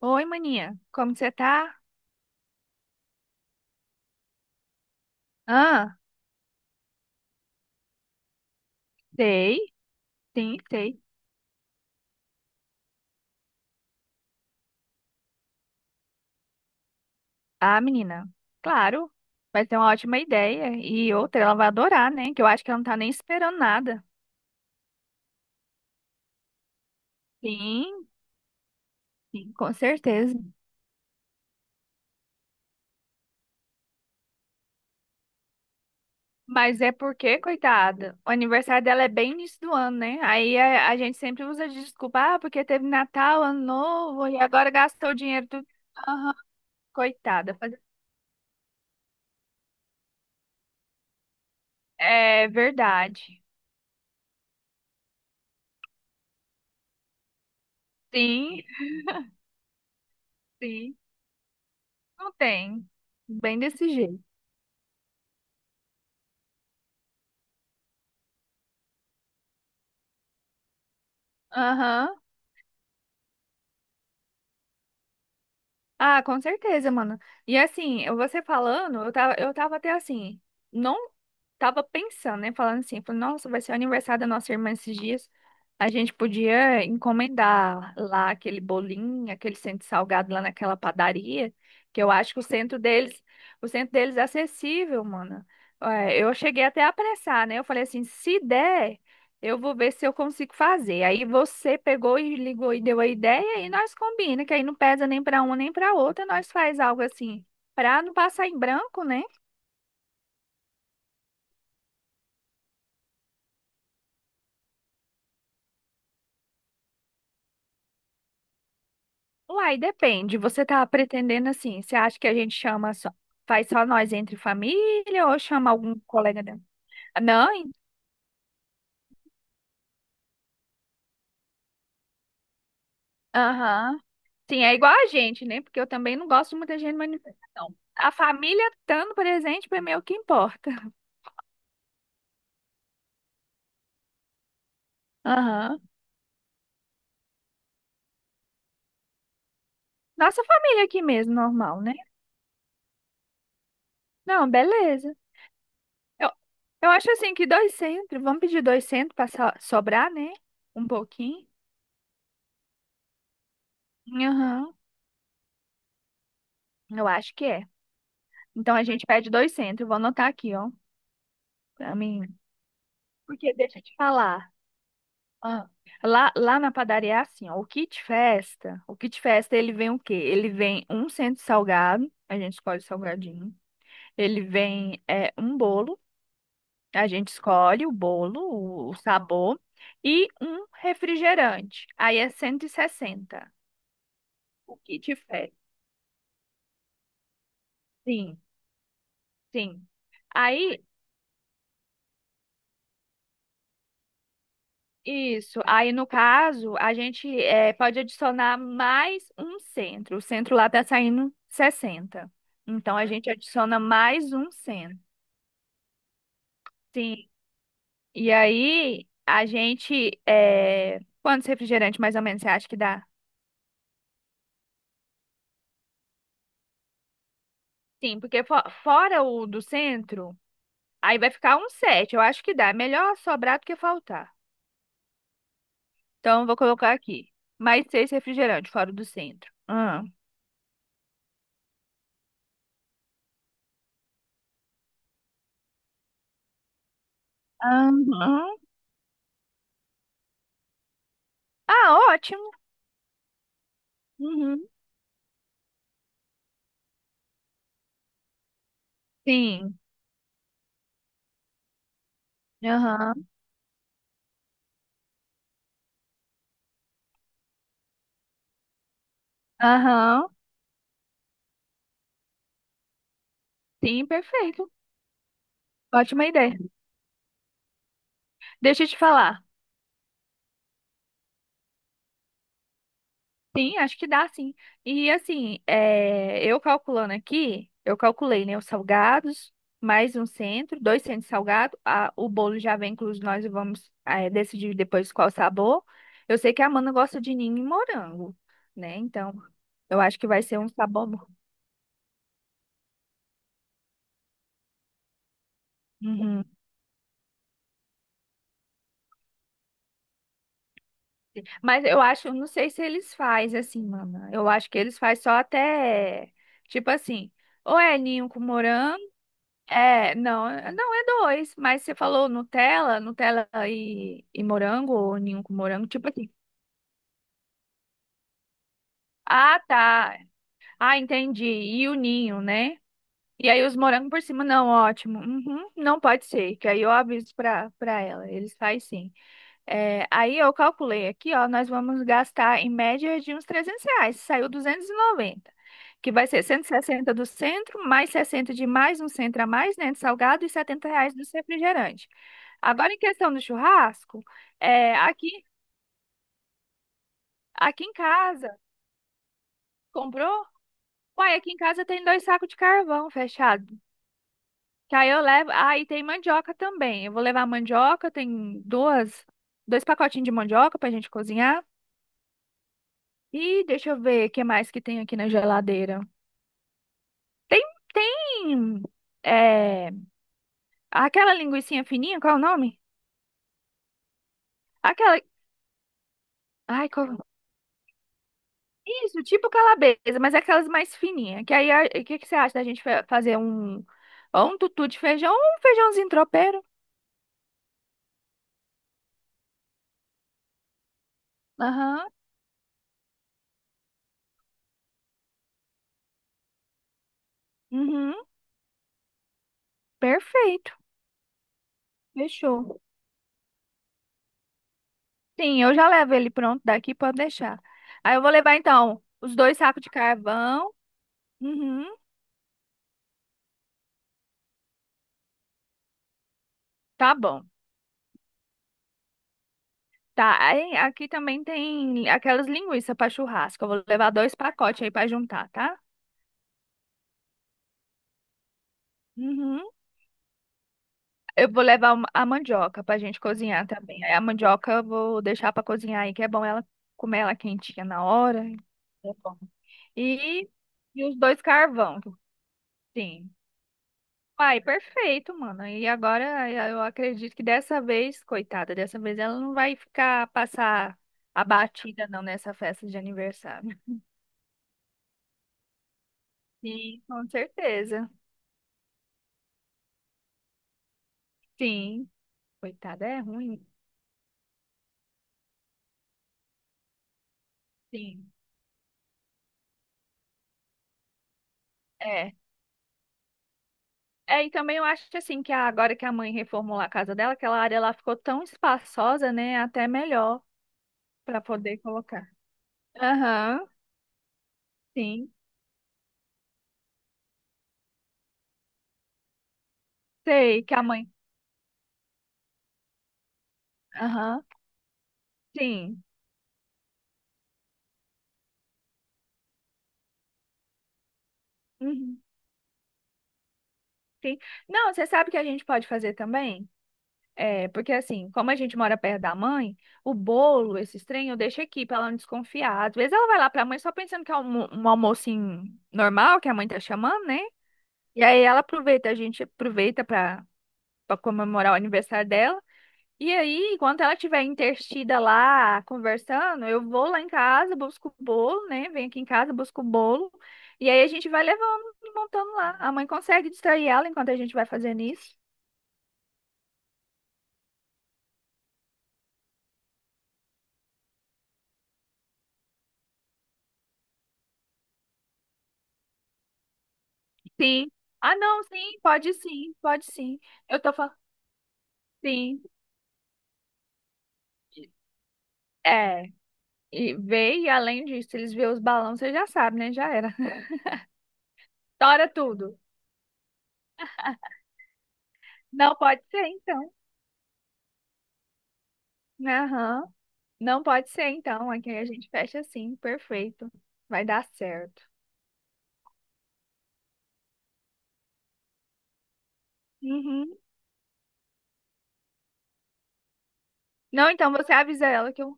Oi, maninha. Como você tá? Ah, sei. Sim, sei. Ah, menina. Claro. Vai ser uma ótima ideia. E outra, ela vai adorar, né? Que eu acho que ela não tá nem esperando nada. Sim, sim, com certeza. Mas é porque, coitada, o aniversário dela é bem início do ano, né? Aí a gente sempre usa de desculpa, ah, porque teve Natal, Ano Novo, e agora gastou o dinheiro tudo. Aham, coitada. É verdade. Sim, sim. Não tem. Bem desse jeito. Aham. Ah, com certeza, mano. E assim, você falando, eu tava até assim, não tava pensando, né? Falando assim, falei, nossa, vai ser o aniversário da nossa irmã esses dias. A gente podia encomendar lá aquele bolinho, aquele centro salgado lá naquela padaria, que eu acho que o centro deles é acessível, mano. É, eu cheguei até a apressar, né? Eu falei assim, se der. Eu vou ver se eu consigo fazer. Aí você pegou e ligou e deu a ideia e nós combina, que aí não pesa nem para uma nem para outra, nós faz algo assim, para não passar em branco, né? Uai, depende. Você tá pretendendo assim, você acha que a gente chama só, faz só nós entre família ou chama algum colega dela? Não? Aham. Sim, é igual a gente, né? Porque eu também não gosto de muita gente de manifestação. A família estando presente para mim é o que importa. Aham. Nossa família aqui mesmo, normal, né? Não, beleza. Eu, eu acho assim que dois centros, vamos pedir dois centros para sobrar, né? Um pouquinho. Aham, eu acho que é. Então a gente pede dois centros, vou anotar aqui, ó, pra mim. Porque deixa eu te falar. ah, lá na padaria é assim, ó, o kit festa ele vem o quê? Ele vem um centro salgado, a gente escolhe o salgadinho. Ele vem um bolo, a gente escolhe o bolo, o sabor. E um refrigerante. Aí é 160. O kit fé. Sim, sim. Aí, isso. Aí, no caso, a gente pode adicionar mais um centro. O centro lá tá saindo 60. Então, a gente adiciona mais um centro. Sim. E aí, quantos refrigerantes mais ou menos você acha que dá? Sim, porque fora o do centro, aí vai ficar um sete. Eu acho que dá. É melhor sobrar do que faltar. Então, eu vou colocar aqui. Mais seis refrigerantes fora o do centro. Aham. Ah, ótimo. Uhum. Sim. Aham. Aham. Sim, perfeito. Ótima ideia. Deixa eu te falar. Sim, acho que dá, sim. E assim, eu calculando aqui, eu calculei, né, os salgados, mais um centro, dois centros salgados. A o bolo já vem incluso, nós vamos, decidir depois qual sabor. Eu sei que a Amanda gosta de ninho e morango, né? Então, eu acho que vai ser um sabor bom. Uhum. Mas eu acho, eu não sei se eles fazem assim, mana. Eu acho que eles fazem só até, tipo assim, ou é ninho com morango, é, não, não é dois, mas você falou Nutella e morango, ou ninho com morango, tipo assim. Ah, tá. Ah, entendi. E o ninho, né? E aí os morangos por cima, não, ótimo. Uhum, não pode ser, que aí eu aviso pra ela. Eles fazem sim. É, aí eu calculei aqui, ó, nós vamos gastar em média de uns R$ 300. Saiu 290, que vai ser 160 do centro, mais 60 de mais um centro a mais, né, de salgado, e R$ 70 do refrigerante. Agora, em questão do churrasco, é, aqui em casa, comprou? Uai, aqui em casa tem dois sacos de carvão fechado. Que aí eu levo. Ah, e tem mandioca também. Eu vou levar mandioca, tem duas, dois pacotinhos de mandioca pra gente cozinhar. E deixa eu ver o que mais que tem aqui na geladeira. Tem, tem, é, aquela linguicinha fininha, qual é o nome? Aquela, ai, qual... Isso, tipo calabresa, mas é aquelas mais fininhas. Que aí, o que que você acha da gente fazer um, ou um tutu de feijão, ou um feijãozinho tropeiro? Aham, uhum, perfeito, fechou. Sim, eu já levo ele pronto daqui, pode deixar. Aí eu vou levar, então, os dois sacos de carvão. Uhum, tá bom. Tá, aí, aqui também tem aquelas linguiças para churrasco. Eu vou levar dois pacotes aí para juntar, tá? Uhum. Eu vou levar a mandioca pra gente cozinhar também. Aí a mandioca eu vou deixar para cozinhar aí, que é bom ela comer ela quentinha na hora. É bom. E, e os dois carvão, sim. Ai, perfeito, mano. E agora eu acredito que dessa vez, coitada, dessa vez ela não vai ficar passar abatida não nessa festa de aniversário. Sim, com certeza. Sim. Coitada, é ruim. Sim. É. É, e também eu acho assim que a agora que a mãe reformulou a casa dela, aquela área lá ficou tão espaçosa, né? Até melhor para poder colocar. Aham, sim. Sei que a mãe. Aham, sim. Uhum, sim. Não, você sabe o que a gente pode fazer também? É, porque assim, como a gente mora perto da mãe, o bolo, esse trem, eu deixo aqui pra ela não desconfiar. Às vezes ela vai lá pra mãe só pensando que é um almoço normal, que a mãe tá chamando, né? E aí ela aproveita, a gente aproveita para comemorar o aniversário dela. E aí, enquanto ela estiver interstida lá conversando, eu vou lá em casa, busco o bolo, né? Venho aqui em casa, busco o bolo. E aí a gente vai levando e montando lá. A mãe consegue distrair ela enquanto a gente vai fazendo isso? Sim. Ah, não, sim, pode sim, pode sim. Eu tô falando, sim. É. E vê, e além disso, eles vê os balões, você já sabe, né? Já era. Tora tudo. Não pode ser, então. Né? Aham. Não pode ser, então. Aqui a gente fecha assim, perfeito. Vai dar certo. Uhum. Não, então você avisa ela que eu.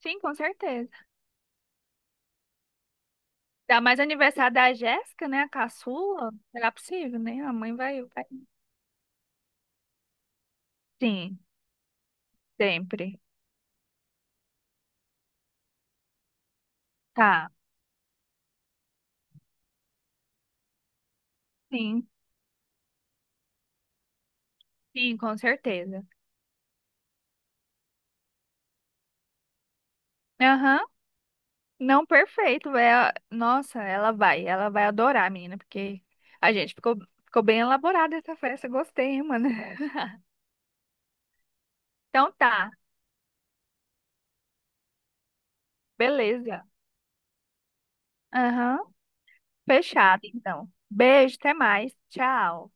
Sim, com certeza. Dá mais aniversário da Jéssica, né? A caçula. Será possível, né? A mãe vai. Sim, sempre. Tá. Sim, sim, com certeza. Aham. Não, perfeito. Nossa, ela vai. Adorar, menina, porque a gente ficou bem elaborada essa festa. Gostei, hein, mano. Então tá. Beleza. Aham. Fechado, então. Beijo, até mais. Tchau.